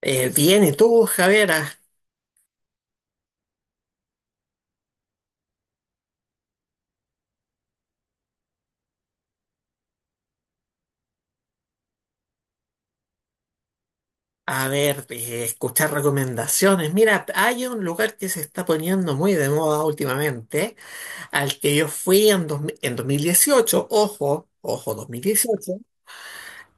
Bien, ¿y tú, javera? A ver, escuchar recomendaciones. Mira, hay un lugar que se está poniendo muy de moda últimamente, al que yo fui en 2018, ojo, ojo, 2018,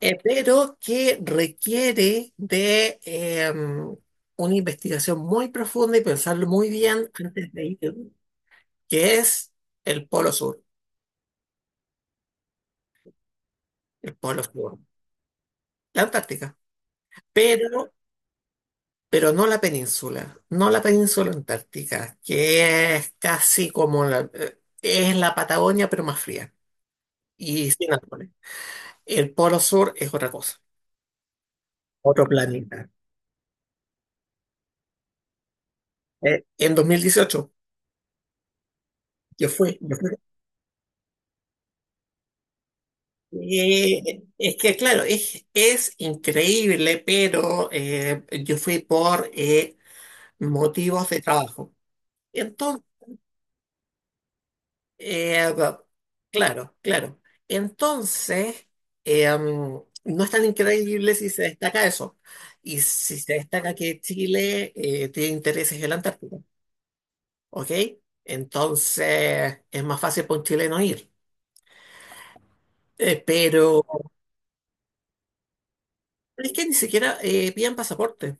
pero que requiere de una investigación muy profunda y pensarlo muy bien antes de ir, que es el Polo Sur, el Polo Sur, la Antártica. Pero pero no la península, no la península antártica, que es casi como la, es la Patagonia, pero más fría y sin árboles. El Polo Sur es otra cosa, otro planeta. En 2018, yo fui, yo fui. Es que, claro, es increíble, pero yo fui por motivos de trabajo. Entonces, Eh, ah, claro, claro. Entonces, no es tan increíble si se destaca eso. Y si se destaca que Chile tiene intereses en la Antártica, ¿ok? Entonces, es más fácil para un chileno ir. Pero es que ni siquiera piden pasaporte.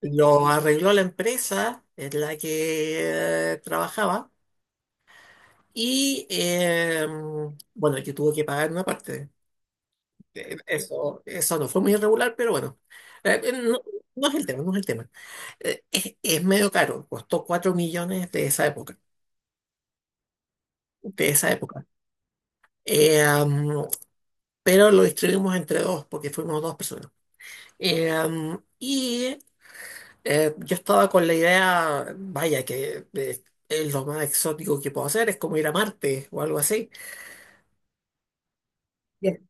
Lo arregló la empresa en la que trabajaba y, bueno, que tuvo que pagar una parte. Eso, eso no fue muy irregular, pero bueno. No, no es el tema, no es el tema. Es medio caro, costó 4 millones de esa época, de esa época. Eh, um, pero lo distribuimos entre dos, porque fuimos dos personas. Y yo estaba con la idea, vaya, que es lo más exótico que puedo hacer, es como ir a Marte o algo así. Bien.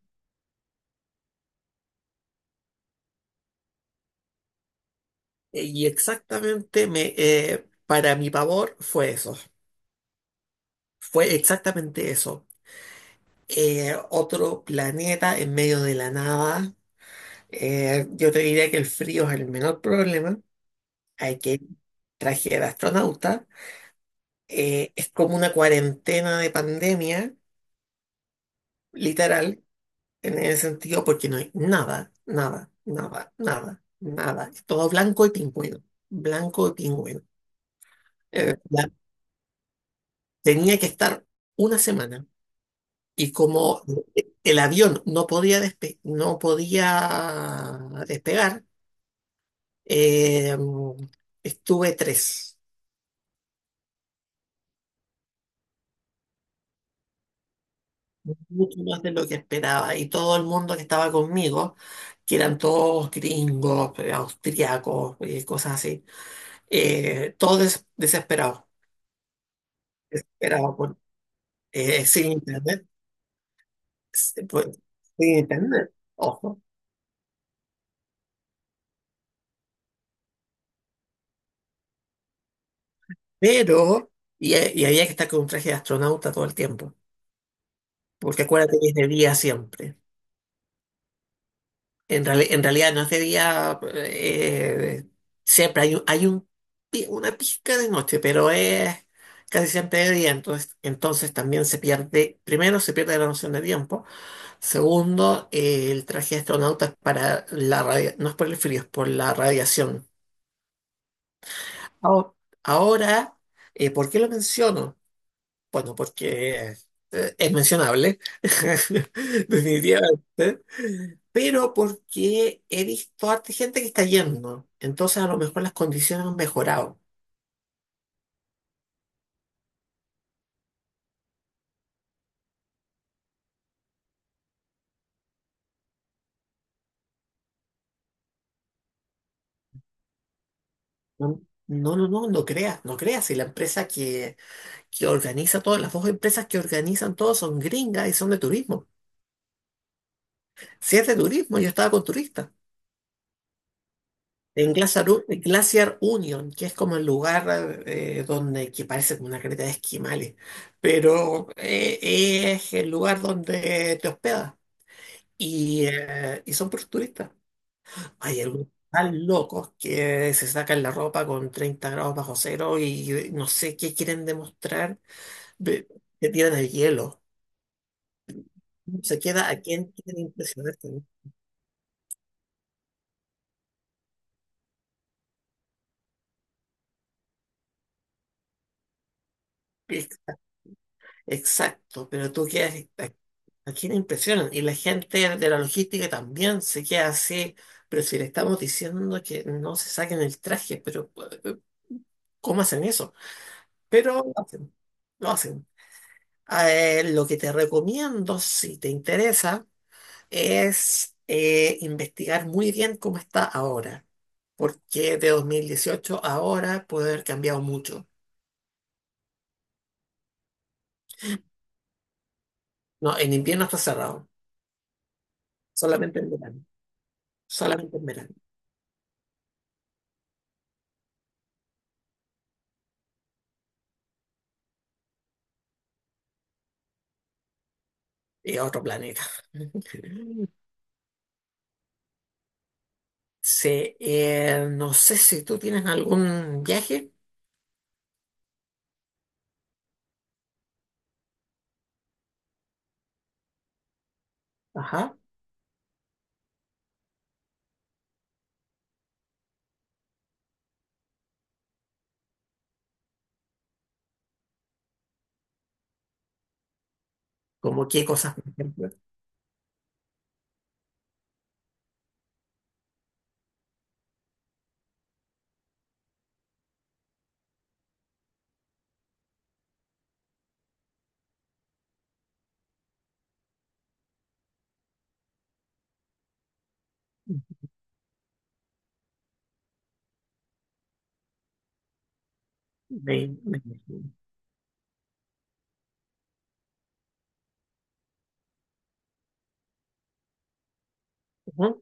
Y exactamente me, para mi pavor fue eso. Fue exactamente eso. Otro planeta en medio de la nada. Yo te diría que el frío es el menor problema. Hay que ir traje de astronauta. Es como una cuarentena de pandemia, literal, en ese sentido, porque no hay nada, nada, nada, nada, nada. Es todo blanco y pingüino. Blanco y pingüino. Eh, la- Tenía que estar una semana. Y como el avión no podía despegar, Eh, estuve tres, mucho más de lo que esperaba. Y todo el mundo que estaba conmigo, que eran todos gringos, austriacos, cosas así, desesperados, desesperados por- sin internet, pues, sin internet, ojo. Pero, y había que estar con un traje de astronauta todo el tiempo, porque acuérdate que es de día siempre. En realidad no es de día, siempre hay un, una pizca de noche, pero es casi siempre de día, entonces, entonces también se pierde, primero se pierde la noción de tiempo, segundo, el traje de astronauta es para la radio, no es por el frío, es por la radiación. Ahora, ahora, ¿por qué lo menciono? Bueno, porque es mencionable, definitivamente, pero porque he visto harta gente que está yendo, entonces a lo mejor las condiciones han mejorado. No, no, no, no, no creas, no creas, si la empresa que organiza todas, las dos empresas que organizan todo son gringas y son de turismo. Si es de turismo, yo estaba con turistas. En Glacier Union, que es como el lugar donde que parece como una creta de esquimales, pero es el lugar donde te hospedas y son puros turistas. Hay algunos tan locos que se sacan la ropa con 30 grados bajo cero y no sé qué quieren demostrar, ve- que tiran el hielo. Se queda a quien quieren impresionar. Exacto, pero tú quedas, aquí no impresionan y la gente de la logística también se queda así, pero si le estamos diciendo que no se saquen el traje, pero eh, ¿cómo hacen eso? Pero lo hacen, lo hacen. Lo que te recomiendo, si te interesa, es investigar muy bien cómo está ahora, porque de 2018 a ahora puede haber cambiado mucho. No, en invierno está cerrado, solamente en verano, solamente en verano. Y a otro planeta. Sí, no sé si tú tienes algún viaje. Ajá. ¿Como qué cosas, por ejemplo? Me- me- Ajá.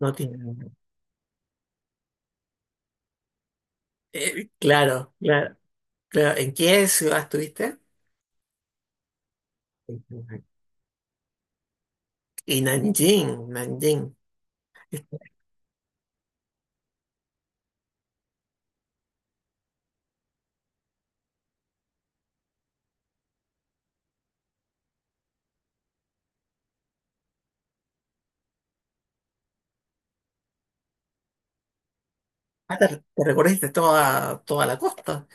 No tiene. Claro, claro, claro. ¿En qué ciudad estuviste? Y Nanjing, Nanjing. Ah, te, Te recorriste toda, toda la costa.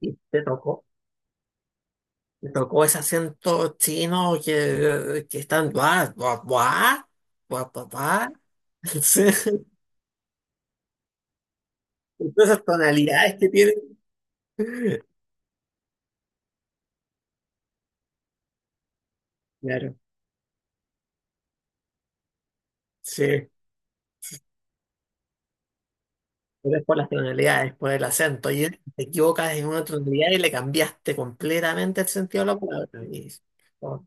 Y te tocó ese acento chino que están. Guau guau guau, guau guau buah. Sí. Todas esas tonalidades que tiene. Claro, sí, pero es por las tonalidades, por el acento. Y te equivocas en una tonalidad y le cambiaste completamente el sentido de la palabra. Oh,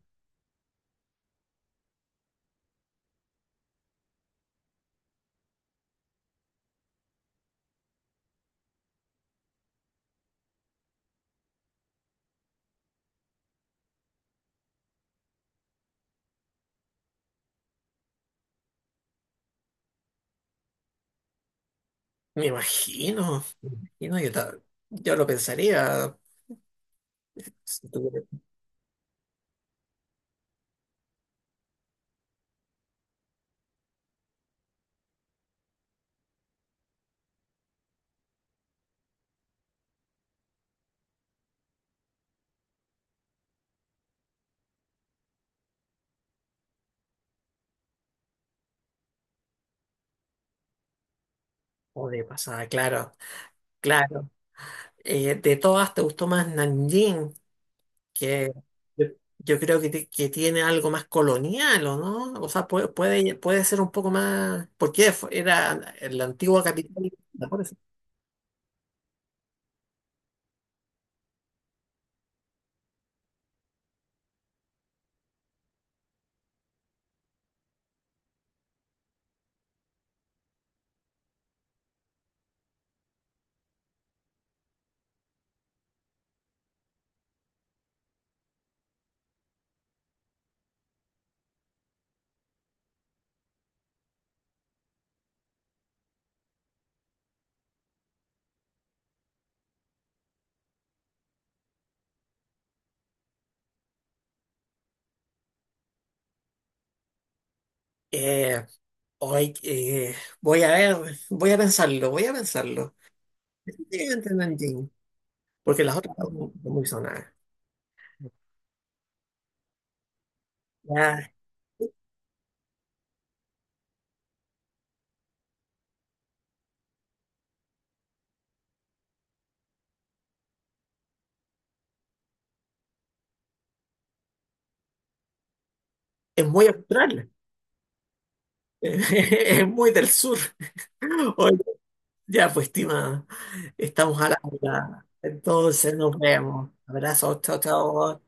me imagino, me imagino, yo lo pensaría. Si tuviera- O de pasada, claro, claro. De todas, ¿te gustó más Nanjing? Que yo Yo creo que, que tiene algo más colonial, ¿o no? O sea, puede, puede, puede ser un poco más. Era la antigua capital. ¿Te acuerdas? Ay, eh, Voy a ver, voy a pensarlo, voy a pensarlo. Definitivamente Nanjing, porque las otras son muy sonadas. Ya, es muy austral, es muy del sur. Oye, ya, pues, estimada, estamos a la hora. Entonces nos vemos. Abrazos, chao, chao.